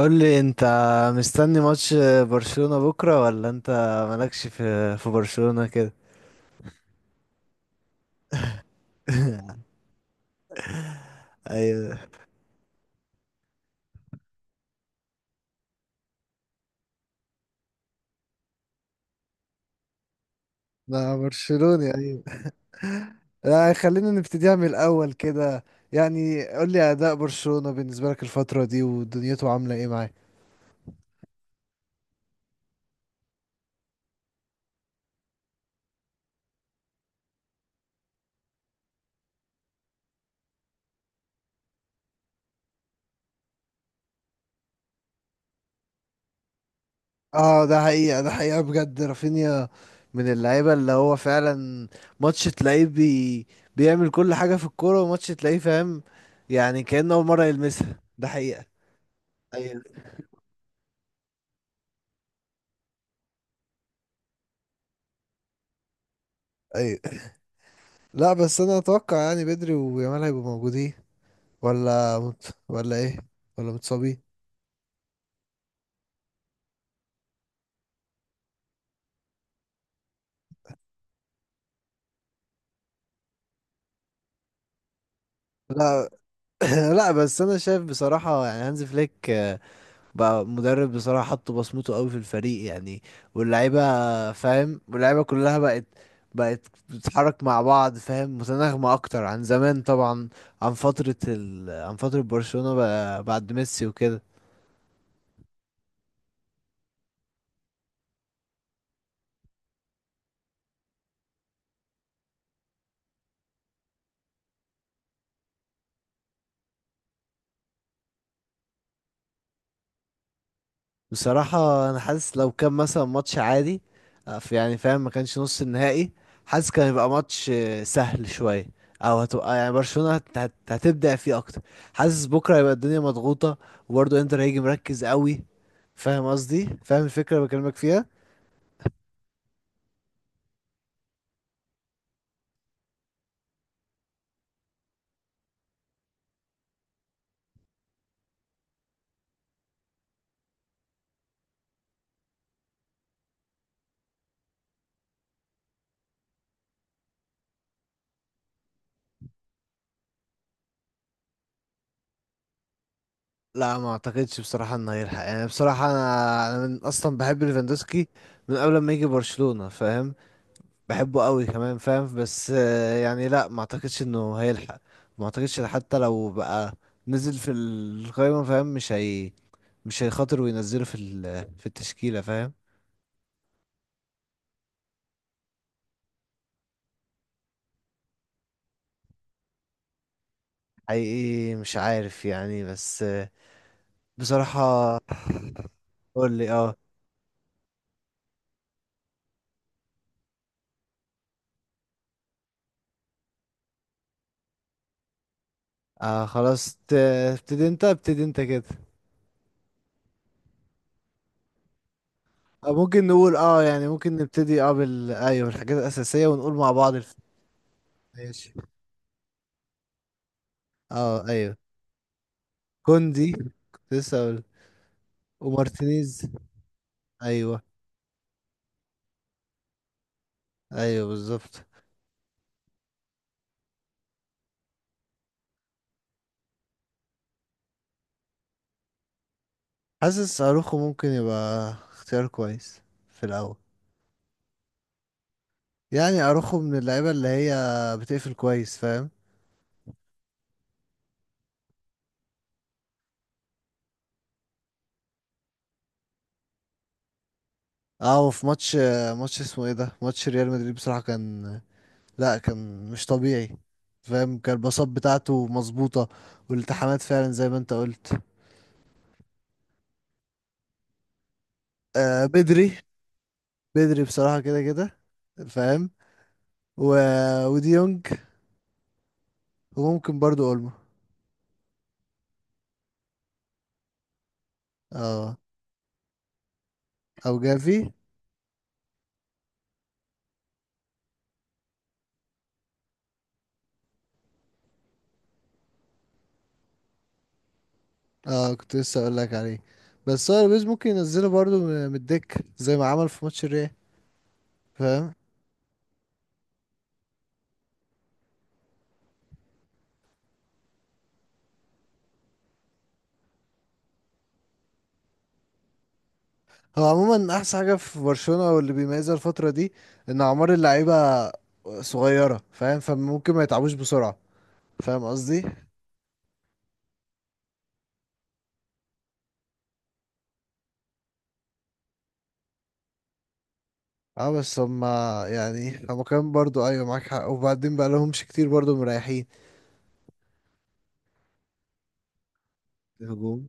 قول لي انت، مستني ماتش برشلونة بكرة؟ ولا انت مالكش في برشلونة كده؟ ايوه. لا، برشلوني. ايوه. لا، خلينا نبتديها من الاول كده. يعني قول لي، اداء برشلونة بالنسبه لك الفتره دي ودنيته عامله ايه معاه؟ اه ده حقيقه، ده حقيقه بجد. رافينيا من اللعيبه اللي هو فعلا ماتش تلاقيه بيعمل كل حاجه في الكوره، وماتش تلاقيه فاهم. يعني كأنه اول مره يلمسها. ده حقيقه. ايوه. ايوه. لا بس انا اتوقع يعني بدري ويامال هيبقوا موجودين، ولا ايه؟ ولا متصابين؟ لا. لا، بس انا شايف بصراحه يعني هانز فليك بقى مدرب بصراحه، حط بصمته قوي في الفريق. يعني واللعيبه فاهم، واللعيبه كلها بقت بتتحرك مع بعض فاهم، متناغمه اكتر عن زمان طبعا، عن فتره برشلونه بقى بعد ميسي وكده. بصراحة أنا حاسس لو كان مثلا ماتش عادي، في يعني فاهم، ما كانش نص النهائي. حاسس كان يبقى ماتش سهل شوية، أو هتبقى يعني برشلونة هتبدع فيه أكتر. حاسس بكرة هيبقى الدنيا مضغوطة، وبرضه إنتر هيجي مركز قوي. فاهم قصدي، فاهم الفكرة اللي بكلمك فيها. لا، ما أعتقدش بصراحة إنه هيلحق. يعني بصراحة أنا من أصلا بحب ليفاندوسكي من قبل ما يجي برشلونة فاهم. بحبه قوي كمان فاهم. بس يعني لا، ما اعتقدش انه هيلحق. ما اعتقدش حتى لو بقى نزل في القائمة فاهم. مش هيخاطر وينزله في التشكيلة فاهم. حقيقي مش عارف يعني، بس بصراحة. قول لي اه. آه خلاص، ابتدي انت، ابتدي انت كده. آه ممكن نقول اه، يعني ممكن نبتدي اه ايوه، الحاجات الأساسية، ونقول مع بعض ماشي. اه ايوه. كوندي، كنت لسه اقول. ومارتينيز. ايوه ايوه بالظبط. حاسس اروخو ممكن يبقى اختيار كويس في الاول. يعني اروخو من اللعيبه اللي هي بتقفل كويس فاهم. اه، وفي ماتش، ماتش اسمه ايه ده، ماتش ريال مدريد بصراحه كان، لا كان مش طبيعي فاهم. كان الباصات بتاعته مظبوطه، والالتحامات فعلا زي ما انت قلت. آه بدري. بدري بصراحه كده كده فاهم. و... وديونج، وممكن برضو اولمو. اه. او جافي. اه كنت لسه اقول لك عليه. بس هو البيز ممكن ينزله برضه من الدكة زي ما عمل في ماتش الريال فاهم. هو عموما احسن حاجة في برشلونة واللي بيميزها الفترة دي، ان اعمار اللعيبة صغيرة فاهم، فممكن ما يتعبوش بسرعة فاهم قصدي. اه بس هما، يعني هما كمان برضه، ايوه معاك حق. وبعدين بقى لهمش كتير برضه مريحين. الهجوم،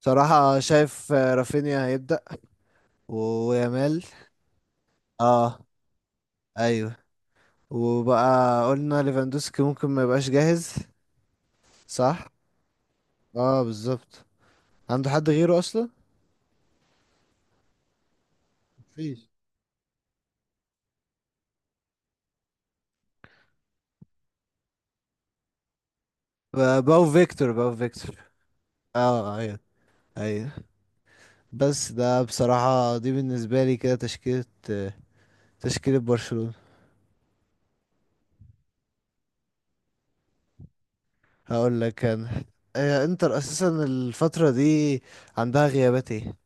صراحة شايف رافينيا هيبدأ ويامال. اه ايوه. وبقى قلنا ليفاندوسكي ممكن ما يبقاش جاهز، صح. اه بالظبط. عنده حد غيره اصلا؟ مفيش. باو فيكتور. باو فيكتور. اه ايوه. ايوه. بس ده بصراحة، دي بالنسبة لي كده تشكيلة، تشكيلة برشلونة. هقول لك انا، انتر اساسا الفترة دي عندها غيابات ايه؟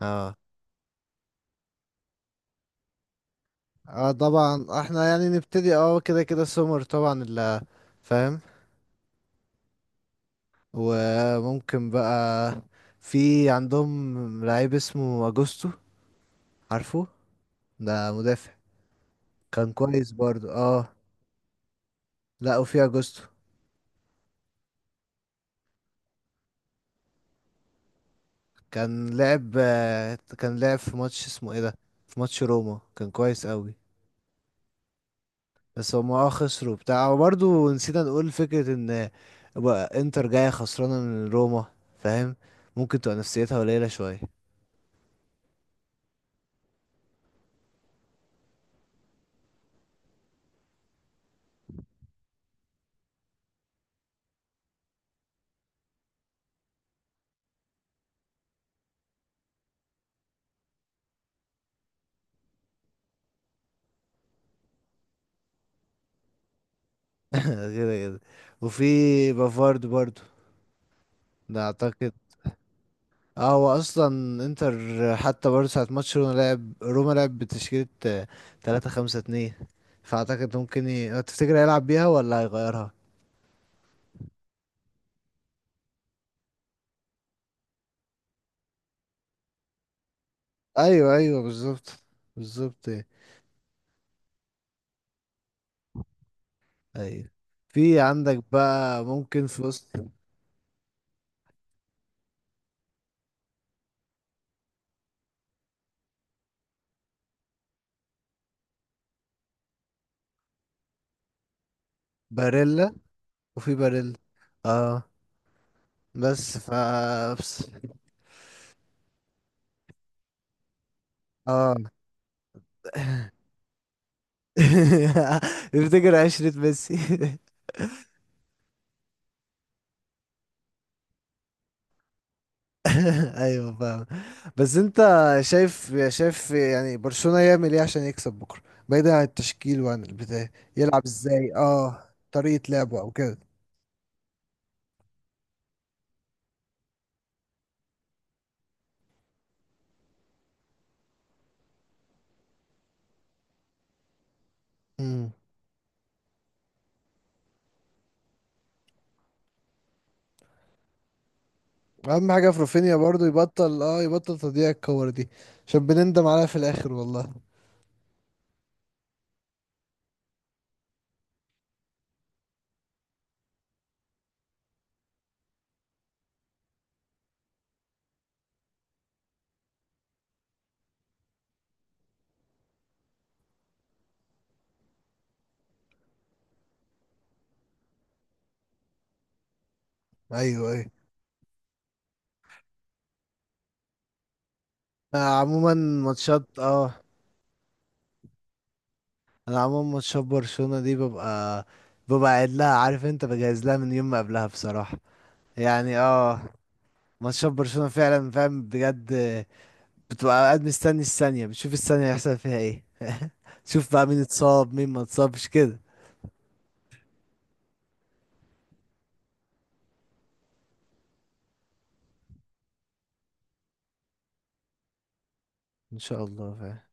اه، اه طبعا احنا يعني نبتدي اه كده كده سومر طبعا اللي فاهم. وممكن بقى في عندهم لعيب اسمه اجوستو، عارفه؟ ده مدافع كان كويس برضو اه. لا، وفي اجوستو. كان لعب، كان لعب في ماتش اسمه ايه ده، في ماتش روما كان كويس قوي. بس هما اه خسروا بتاع، وبرضو نسينا نقول فكرة ان بقى انتر جاية خسرانة من روما فاهم. ممكن تبقى نفسيتها قليلة شوية كده كده. وفي بافارد برضو، ده اعتقد. اه هو اصلا انتر، حتى برضه ساعة ماتش روما لعب، روما لعب بتشكيلة 3-5-2. فاعتقد ممكن تفتكر هيلعب بيها ولا هيغيرها؟ ايوه ايوه بالظبط، بالظبط. ايوه. في عندك بقى ممكن في وسط باريلا، وفي باريلا اه. بس ف بس اه. تفتكر 10 ميسي ايوه فاهم. بس انت، شايف يعني برشلونة يعمل ايه عشان يكسب بكره؟ بعيدا عن التشكيل وعن البتاع. يلعب ازاي، اه طريقة لعبه او كده. امم. اهم حاجة في رافينيا برضو يبطل، اه يبطل تضييع الكور دي، عشان بنندم عليها في الاخر والله. ايوه ايوه. آه عموما ماتشات اه، انا عموما ماتشات برشلونة دي ببقى، ببقى قاعد لها. عارف انت، بجهز لها من يوم ما قبلها بصراحة، يعني اه، ماتشات برشلونة فعلا فاهم بجد. بتبقى قاعد مستني الثانية، بتشوف الثانية هيحصل فيها ايه تشوف بقى مين اتصاب مين ما اتصابش كده. ان شاء الله فاهم.